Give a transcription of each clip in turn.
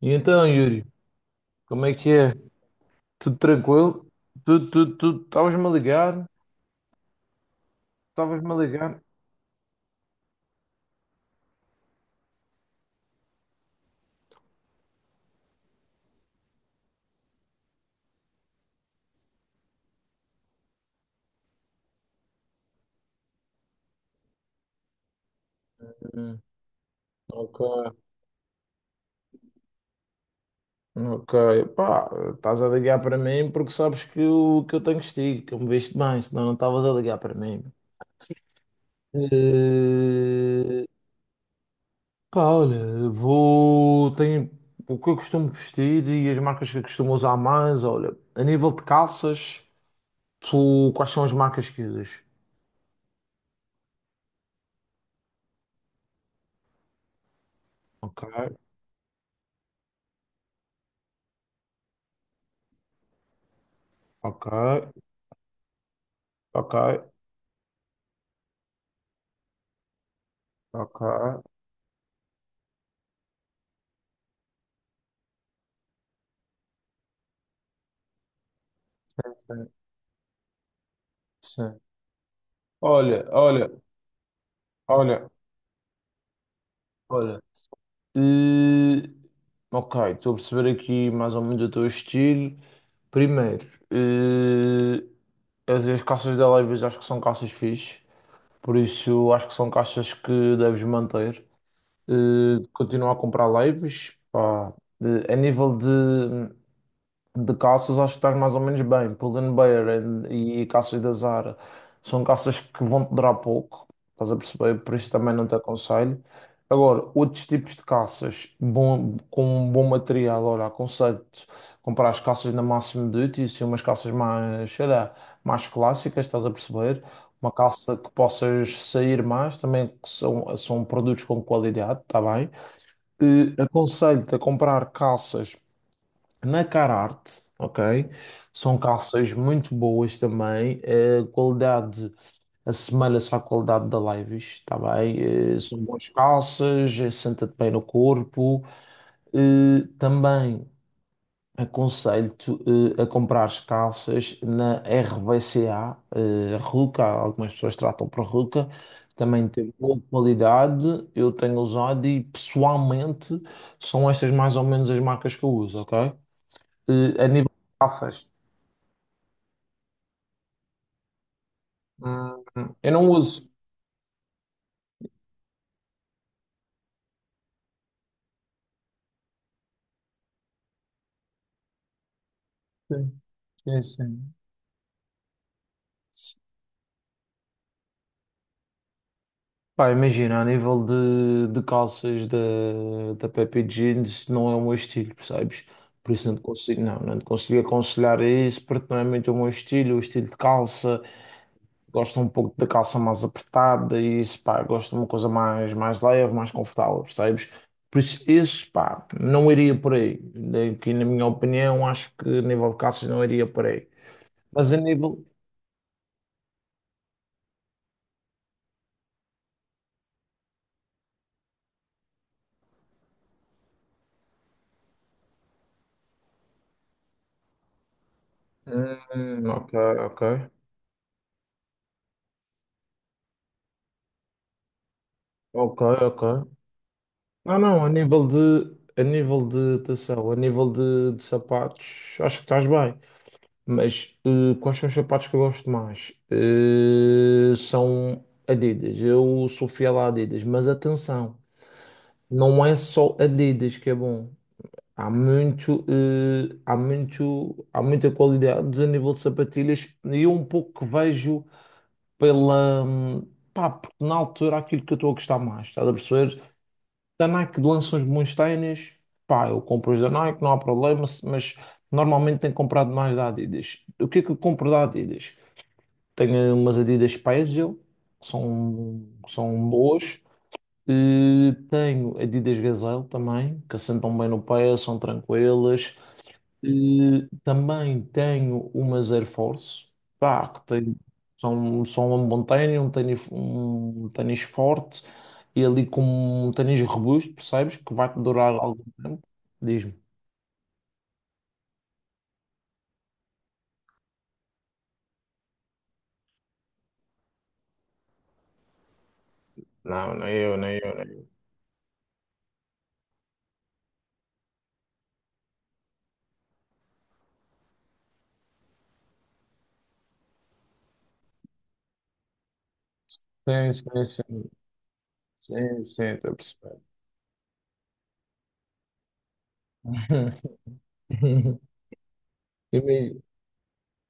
E então, Yuri, como é que é? Tudo tranquilo? Tudo, tudo, tudo. Estavas-me a ligar? Estavas-me a ligar? Hum, ok, ok. Pá, estás a ligar para mim porque sabes que eu tenho castigo, que eu me viste bem, senão não estavas a ligar para mim. Eh, Pá, olha, vou. Tenho o que eu costumo vestir e as marcas que eu costumo usar mais. Olha, a nível de calças, tu, quais são as marcas que usas? Ok, ok, ok, ok. Sim. Sim. Olha, olha, olha, olha. Eh, ok, estou a perceber aqui mais ou menos o teu estilo. Primeiro, eh, as calças da Levi's acho que são calças fixe, por isso acho que são calças que deves manter. Continua a comprar Levi's, pá. A nível de calças acho que estás mais ou menos bem. Pull&Bear Bear e calças da Zara são calças que vão te durar pouco, estás a perceber? Por isso também não te aconselho. Agora, outros tipos de calças bom, com um bom material, olha, aconselho-te comprar as calças da Massimo Dutti, assim, umas calças mais, sei lá, mais clássicas, estás a perceber? Uma calça que possas sair mais, também que são produtos com qualidade, está bem? E aconselho-te a comprar calças na Cararte, ok? São calças muito boas também. A qualidade assemelha-se à qualidade da Levi's, tá bem? São boas calças. Senta-te bem no corpo. Também aconselho-te a comprar calças na R V RVCA, Ruca, algumas pessoas tratam por Ruca. Também tem boa qualidade, eu tenho usado e pessoalmente são estas mais ou menos as marcas que eu uso, ok? A nível de calças. Hum, eu não uso. Sim, sim, sim. Pá, imagina, a nível de calças da Pepe Jeans não é o meu estilo, percebes? Por isso não te consigo aconselhar isso, porque não é muito o meu estilo, o estilo de calça, gosto um pouco da calça mais apertada e isso, pá, gosto de uma coisa mais, mais leve, mais confortável, percebes? Por isso, pá, não iria por aí. Aqui, na minha opinião, acho que a nível de calças não iria por aí. Mas a nível, ok, ok, ok, ok. Não, não, a nível de atenção, a nível de sapatos, acho que estás bem. Mas quais são os sapatos que eu gosto mais? São Adidas. Eu sou fiel a Adidas, mas atenção, não é só Adidas que é bom. Há muito, eh, há muito, há muita qualidade a nível de sapatilhas, e eu um pouco que vejo pela. Pá, porque na altura aquilo que eu estou a gostar mais, estás a perceber? Da Nike lança uns bons ténis, pá, eu compro os da Nike, não há problema, mas normalmente tenho comprado mais da Adidas. O que é que eu compro da Adidas? Tenho umas Adidas Pezzil, que são boas. E tenho Adidas Gazelle também, que assentam bem no pé, são tranquilas. Também tenho umas Air Force, pá, que tem, são um bom tênis, um tênis forte e ali com um tênis robusto, percebes? Que vai-te durar algum tempo. Diz-me. Não, nem eu, nem eu, nem eu. Sim, sim, sim. Sim, sim, estou a perceber. Ima-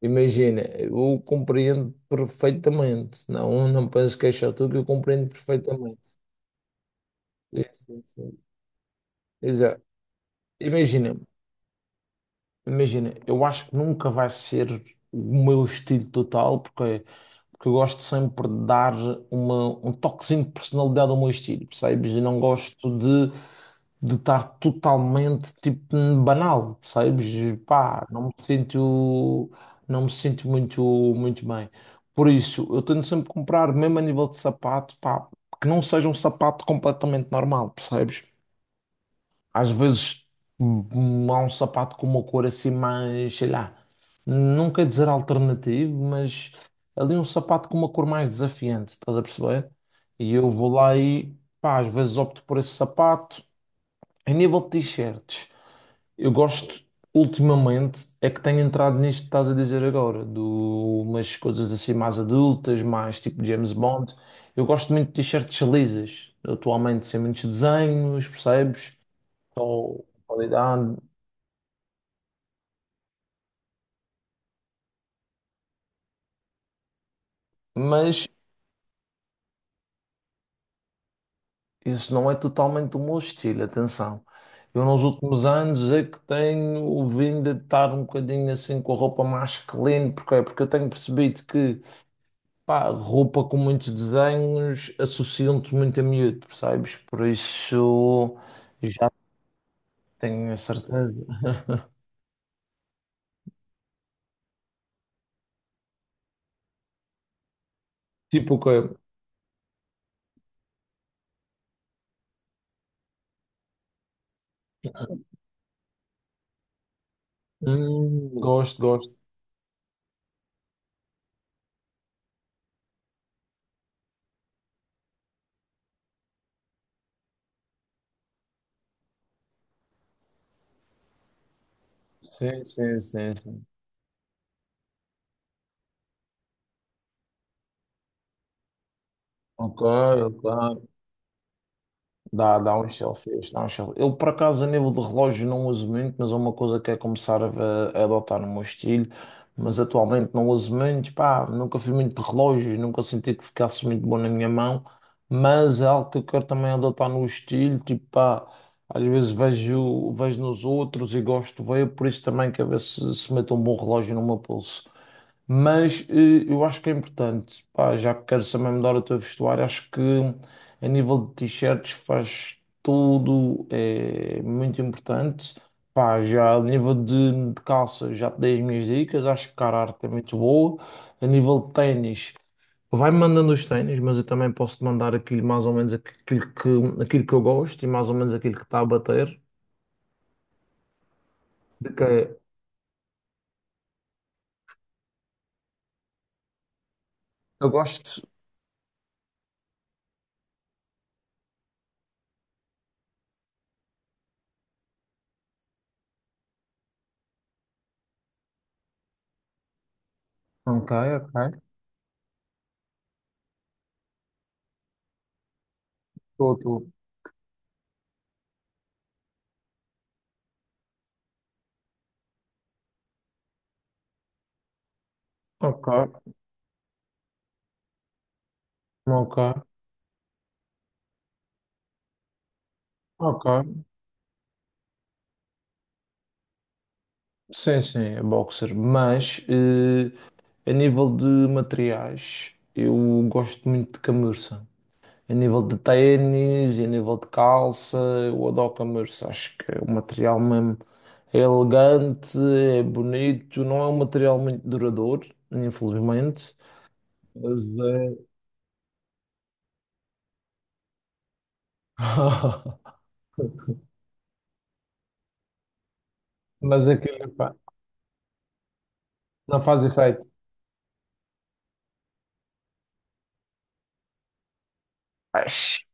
Imagina, eu compreendo perfeitamente. Não, não penso que é só tu que eu compreendo perfeitamente. Sim, sim, sim. Exato. Imagina. Imagina, eu acho que nunca vai ser o meu estilo total, porque, porque eu gosto sempre de dar um toquezinho de personalidade ao meu estilo, percebes? E não gosto de estar totalmente, tipo, banal, percebes? E, pá, não me sinto muito, muito bem. Por isso, eu tento sempre comprar, mesmo a nível de sapato, pá, que não seja um sapato completamente normal, percebes? Às vezes, há um sapato com uma cor assim mais, sei lá, não quer dizer alternativo, mas ali um sapato com uma cor mais desafiante, estás a perceber? E eu vou lá e, pá, às vezes opto por esse sapato. Em nível de t-shirts, eu gosto, ultimamente, é que tenho entrado nisto que estás a dizer agora, de umas coisas assim mais adultas, mais tipo James Bond. Eu gosto muito de t-shirts lisas, atualmente sem muitos desenhos, percebes? Ou qualidade, mas isso não é totalmente o meu estilo, atenção. Eu nos últimos anos é que tenho vindo a estar um bocadinho assim com a roupa mais clean, porque eu tenho percebido que pá, roupa com muitos desenhos associam-te muito a miúdo, percebes? Por isso já tenho a certeza. Tipo o quê? Gosto, gosto. Sim, sim, sim, sim. Ok, ok. Dá uns selfies, dá uns selfies. Eu, por acaso, a nível de relógio não uso muito, mas é uma coisa que é começar a, a adotar no meu estilo. Mas atualmente não uso muito, pá, nunca fui muito de relógios, nunca senti que ficasse muito bom na minha mão. Mas é algo que eu quero também adotar no estilo, tipo, pá, às vezes vejo nos outros e gosto de ver, por isso também quero ver se, meto um bom relógio no meu pulso. Mas eu acho que é importante, pá, já que queres também mudar o teu vestuário, acho que a nível de t-shirts faz tudo, é muito importante. Pá, já a nível de calça, já te dei as minhas dicas, acho que cara, a arte é muito boa. A nível de ténis, vai-me mandando os ténis, mas eu também posso te mandar aquilo mais ou menos aquilo que eu gosto e mais ou menos aquilo que está a bater. Ok. Eu gosto. Ok, ok. Estou, estou. Ok, ok, ok. Sim, sim, é boxer. Mas a nível de materiais, eu gosto muito de camurça. A nível de ténis, e a nível de calça, eu adoro camurça. Acho que é um material mesmo é elegante, é bonito. Não é um material muito duradouro, infelizmente. Mas é. Mas aquilo, pá, não faz efeito. Ai, esquece.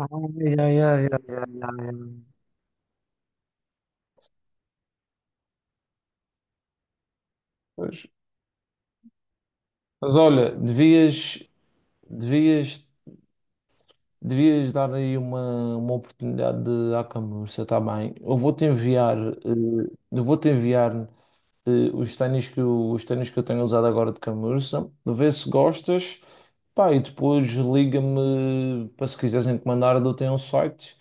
Ai, ai, ai, ai, ai, ai. Pois. Mas olha, Devias, devias, dar aí uma oportunidade de à camurça, está bem? Eu vou-te enviar, eu vou-te enviar os ténis que eu tenho usado agora de camurça, vê se gostas, pá, e depois liga-me para se quiseres encomendar, eu tenho um site.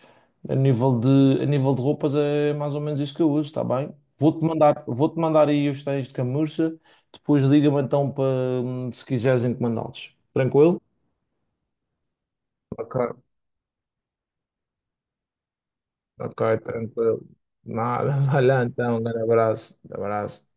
A nível de, a nível de roupas é mais ou menos isso que eu uso, está bem? Vou-te mandar aí os ténis de camurça, depois liga-me então para se quiseres encomendá-los. Tranquilo? Ok. Ok, tranquilo. Nada, vai lá então. Um grande abraço. Abraço.